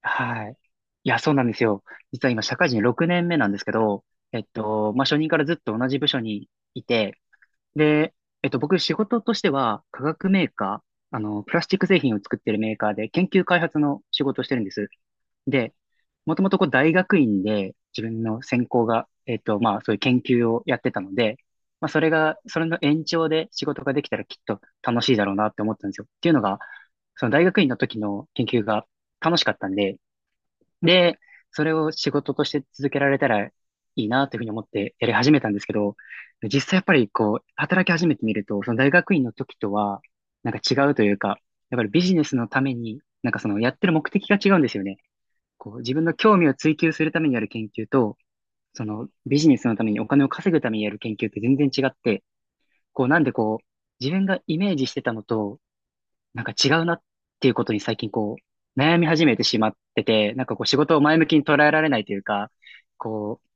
はい。いや、そうなんですよ。実は今、社会人6年目なんですけど、まあ、初任からずっと同じ部署にいて、で、僕、仕事としては、化学メーカー、プラスチック製品を作ってるメーカーで、研究開発の仕事をしてるんです。で、もともとこう、大学院で、自分の専攻が、まあ、そういう研究をやってたので、まあ、それの延長で仕事ができたらきっと楽しいだろうなって思ったんですよ。っていうのが、その大学院の時の研究が楽しかったんで、で、それを仕事として続けられたらいいなというふうに思ってやり始めたんですけど、実際やっぱりこう、働き始めてみると、その大学院の時とは、なんか違うというか、やっぱりビジネスのために、なんかそのやってる目的が違うんですよね。こう、自分の興味を追求するためにやる研究と、そのビジネスのためにお金を稼ぐためにやる研究って全然違って、こう、なんでこう、自分がイメージしてたのと、なんか違うなっていうことに最近こう、悩み始めてしまってて、なんかこう仕事を前向きに捉えられないというか、こう、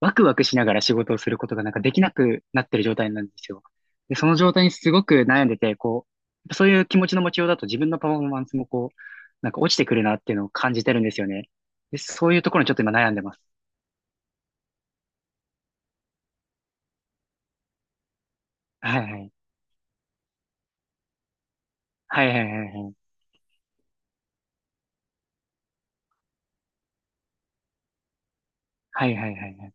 ワクワクしながら仕事をすることがなんかできなくなってる状態なんですよ。で、その状態にすごく悩んでて、こう、やっぱそういう気持ちの持ちようだと自分のパフォーマンスもこう、なんか落ちてくるなっていうのを感じてるんですよね。で、そういうところにちょっと今悩んでます。はい、はい。はい、はい、はい、はい。はい、はい、はい、はい。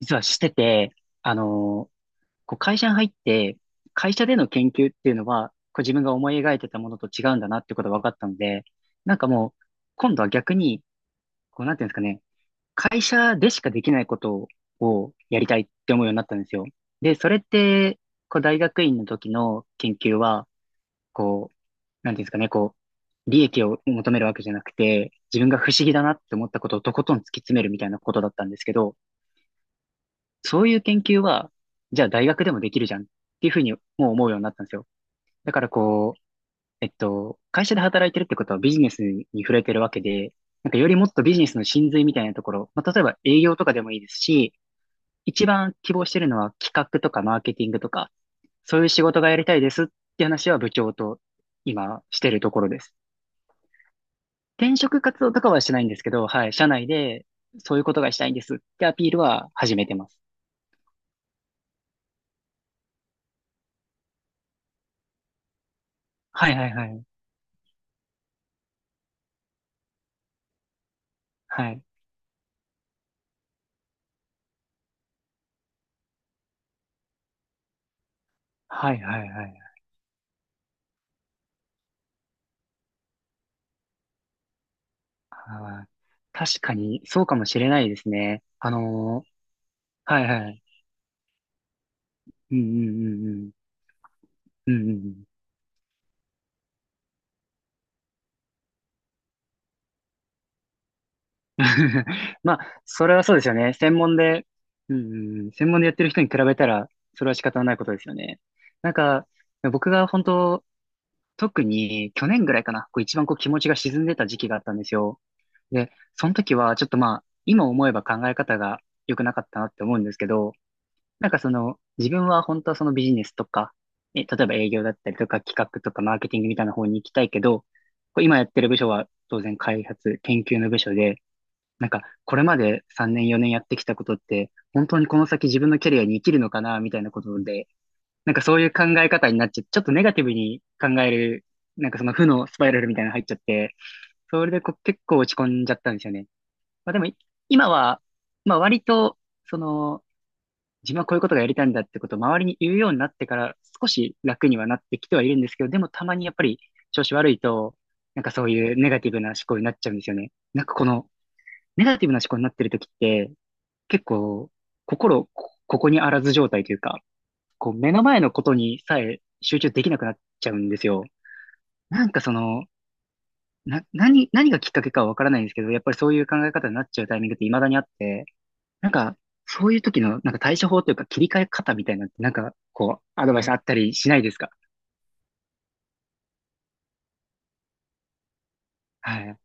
実はしてて、あのーこう会社に入って、会社での研究っていうのは、こう自分が思い描いてたものと違うんだなってことが分かったので、なんかもう、今度は逆に、こうなんていうんですかね、会社でしかできないことをやりたいって思うようになったんですよ。で、それって、こう大学院の時の研究は、こう、なんていうんですかね、こう、利益を求めるわけじゃなくて、自分が不思議だなって思ったことをとことん突き詰めるみたいなことだったんですけど、そういう研究は、じゃあ大学でもできるじゃんっていうふうにもう思うようになったんですよ。だからこう、会社で働いてるってことはビジネスに触れてるわけで、なんかよりもっとビジネスの真髄みたいなところ、まあ、例えば営業とかでもいいですし、一番希望してるのは企画とかマーケティングとか、そういう仕事がやりたいですって話は部長と今してるところです。転職活動とかはしてないんですけど、はい、社内でそういうことがしたいんですってアピールは始めてます。はい、はい、はい。はい。はい、はい、はい。あー、確かにそうかもしれないですね。はい、はい、うん、うん、うん、うん。うん、うん、うん。まあ、それはそうですよね。専門で、うん、うん、うん、専門でやってる人に比べたら、それは仕方ないことですよね。なんか、僕が本当、特に去年ぐらいかな、こう一番こう気持ちが沈んでた時期があったんですよ。で、その時はちょっとまあ、今思えば考え方が良くなかったなって思うんですけど、なんかその、自分は本当はそのビジネスとか、例えば営業だったりとか企画とかマーケティングみたいな方に行きたいけど、こう今やってる部署は当然開発、研究の部署で、なんかこれまで3年4年やってきたことって、本当にこの先自分のキャリアに生きるのかな、みたいなことで、なんかそういう考え方になっちゃって、ちょっとネガティブに考える、なんかその負のスパイラルみたいなの入っちゃって、それでこう結構落ち込んじゃったんですよね。まあでも、今は、まあ割と、その、自分はこういうことがやりたいんだってことを周りに言うようになってから少し楽にはなってきてはいるんですけど、でもたまにやっぱり調子悪いと、なんかそういうネガティブな思考になっちゃうんですよね。なんかこのネガティブな思考になってる時って結構心こここにあらず状態というか、こう目の前のことにさえ集中できなくなっちゃうんですよ。なんかその、何がきっかけかはわからないんですけど、やっぱりそういう考え方になっちゃうタイミングって未だにあって、なんか、そういう時の、なんか対処法というか切り替え方みたいなのって、なんか、こう、アドバイスあったりしないですか？はい。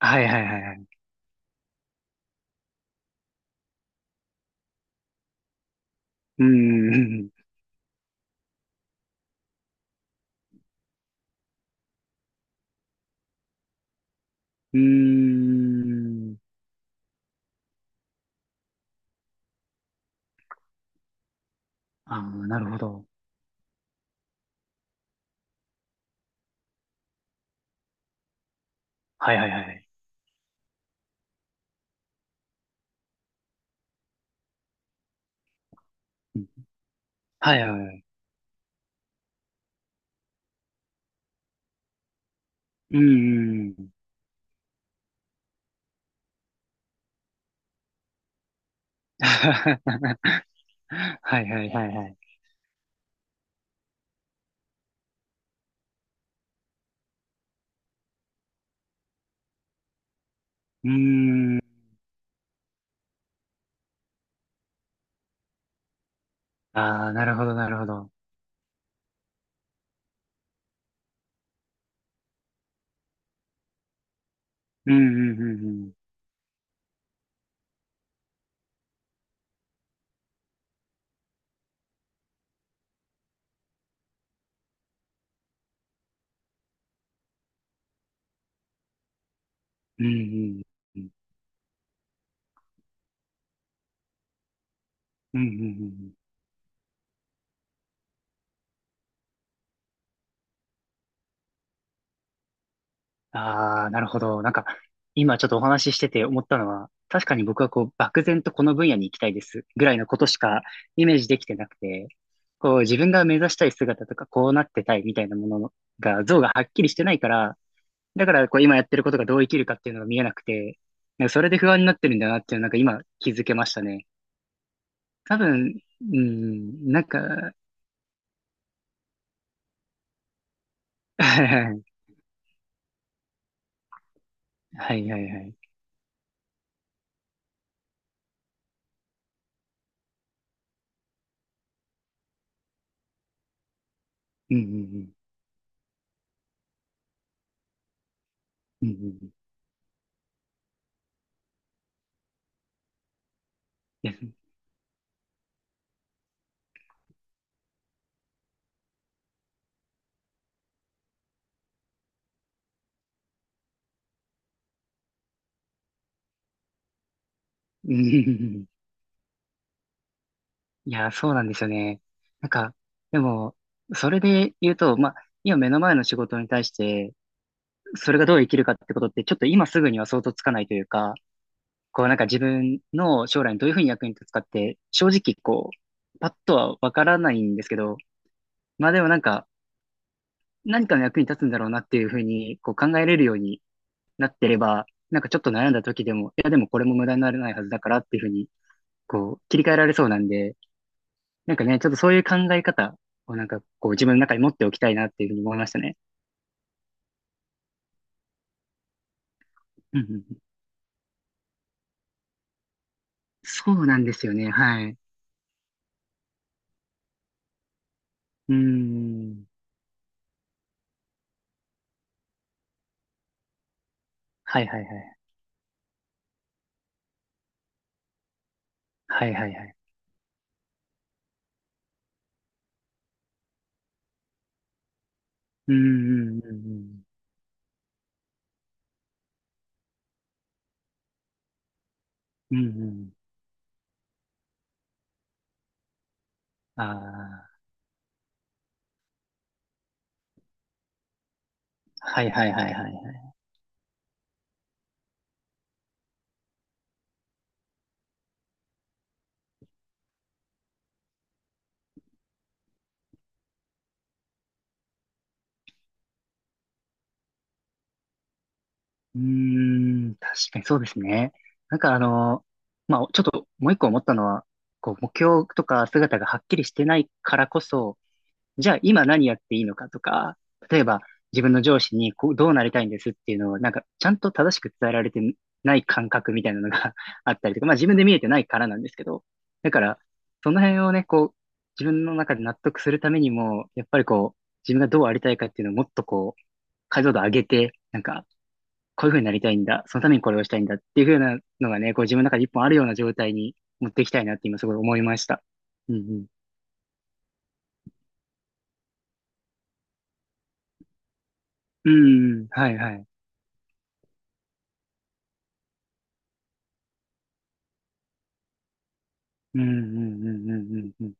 はい、はい、はい、はい。うーん。うーん。ああ、なるほど。はい、はい、はい。うん、はい、はい、はい。うーん、うん。はい、はい、はい、はい。うーん。ああ、なるほど、なるほど。うん、うん、うん、うん。うん、うん、うん。うん、うん、うん、うん。ああ、なるほど。なんか、今ちょっとお話ししてて思ったのは、確かに僕はこう、漠然とこの分野に行きたいですぐらいのことしかイメージできてなくて、こう、自分が目指したい姿とか、こうなってたいみたいなものが、像がはっきりしてないから、だからこう、今やってることがどう生きるかっていうのが見えなくて、なんかそれで不安になってるんだなっていうのなんか今気づけましたね。多分、うん、なんか、はい、はい、はい。うん、うん、うん。うん、うん、うん。いや、うん、うん、うん、いや、そうなんですよね。なんか、でも、それで言うと、まあ、今目の前の仕事に対して、それがどう生きるかってことって、ちょっと今すぐには想像つかないというか、こうなんか自分の将来にどういうふうに役に立つかって、正直こう、パッとはわからないんですけど、まあでもなんか、何かの役に立つんだろうなっていうふうに、こう考えれるようになってれば、なんかちょっと悩んだ時でも、いやでもこれも無駄にならないはずだからっていうふうに、こう、切り替えられそうなんで、なんかね、ちょっとそういう考え方をなんかこう自分の中に持っておきたいなっていうふうに思いましたね。うん、うん、うん。そうなんですよね。はい。うーん。はい、はい、はい。はい、はい、はい。うーん、うん、うん、うん。うん、うん。ああ。はい、はい、はい、はい、はい。うーん。確かにそうですね。なんかまあちょっともう一個思ったのは、こう目標とか姿がはっきりしてないからこそ、じゃあ今何やっていいのかとか、例えば自分の上司にこうどうなりたいんですっていうのをなんかちゃんと正しく伝えられてない感覚みたいなのが あったりとか、まあ自分で見えてないからなんですけど、だからその辺をね、こう自分の中で納得するためにも、やっぱりこう自分がどうありたいかっていうのをもっとこう解像度上げて、なんかこういう風になりたいんだ、そのためにこれをしたいんだっていう風なのがね、こう自分の中で一本あるような状態に持っていきたいなって今すごい思いました。うん、うん。うん、うん、はい、はい。うん、うん、うん、うん、うん、うん。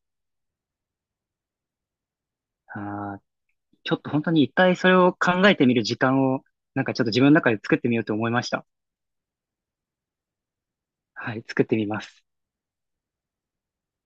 ああ、ちょっと本当に一回それを考えてみる時間を、なんかちょっと自分の中で作ってみようと思いました。はい、作ってみます。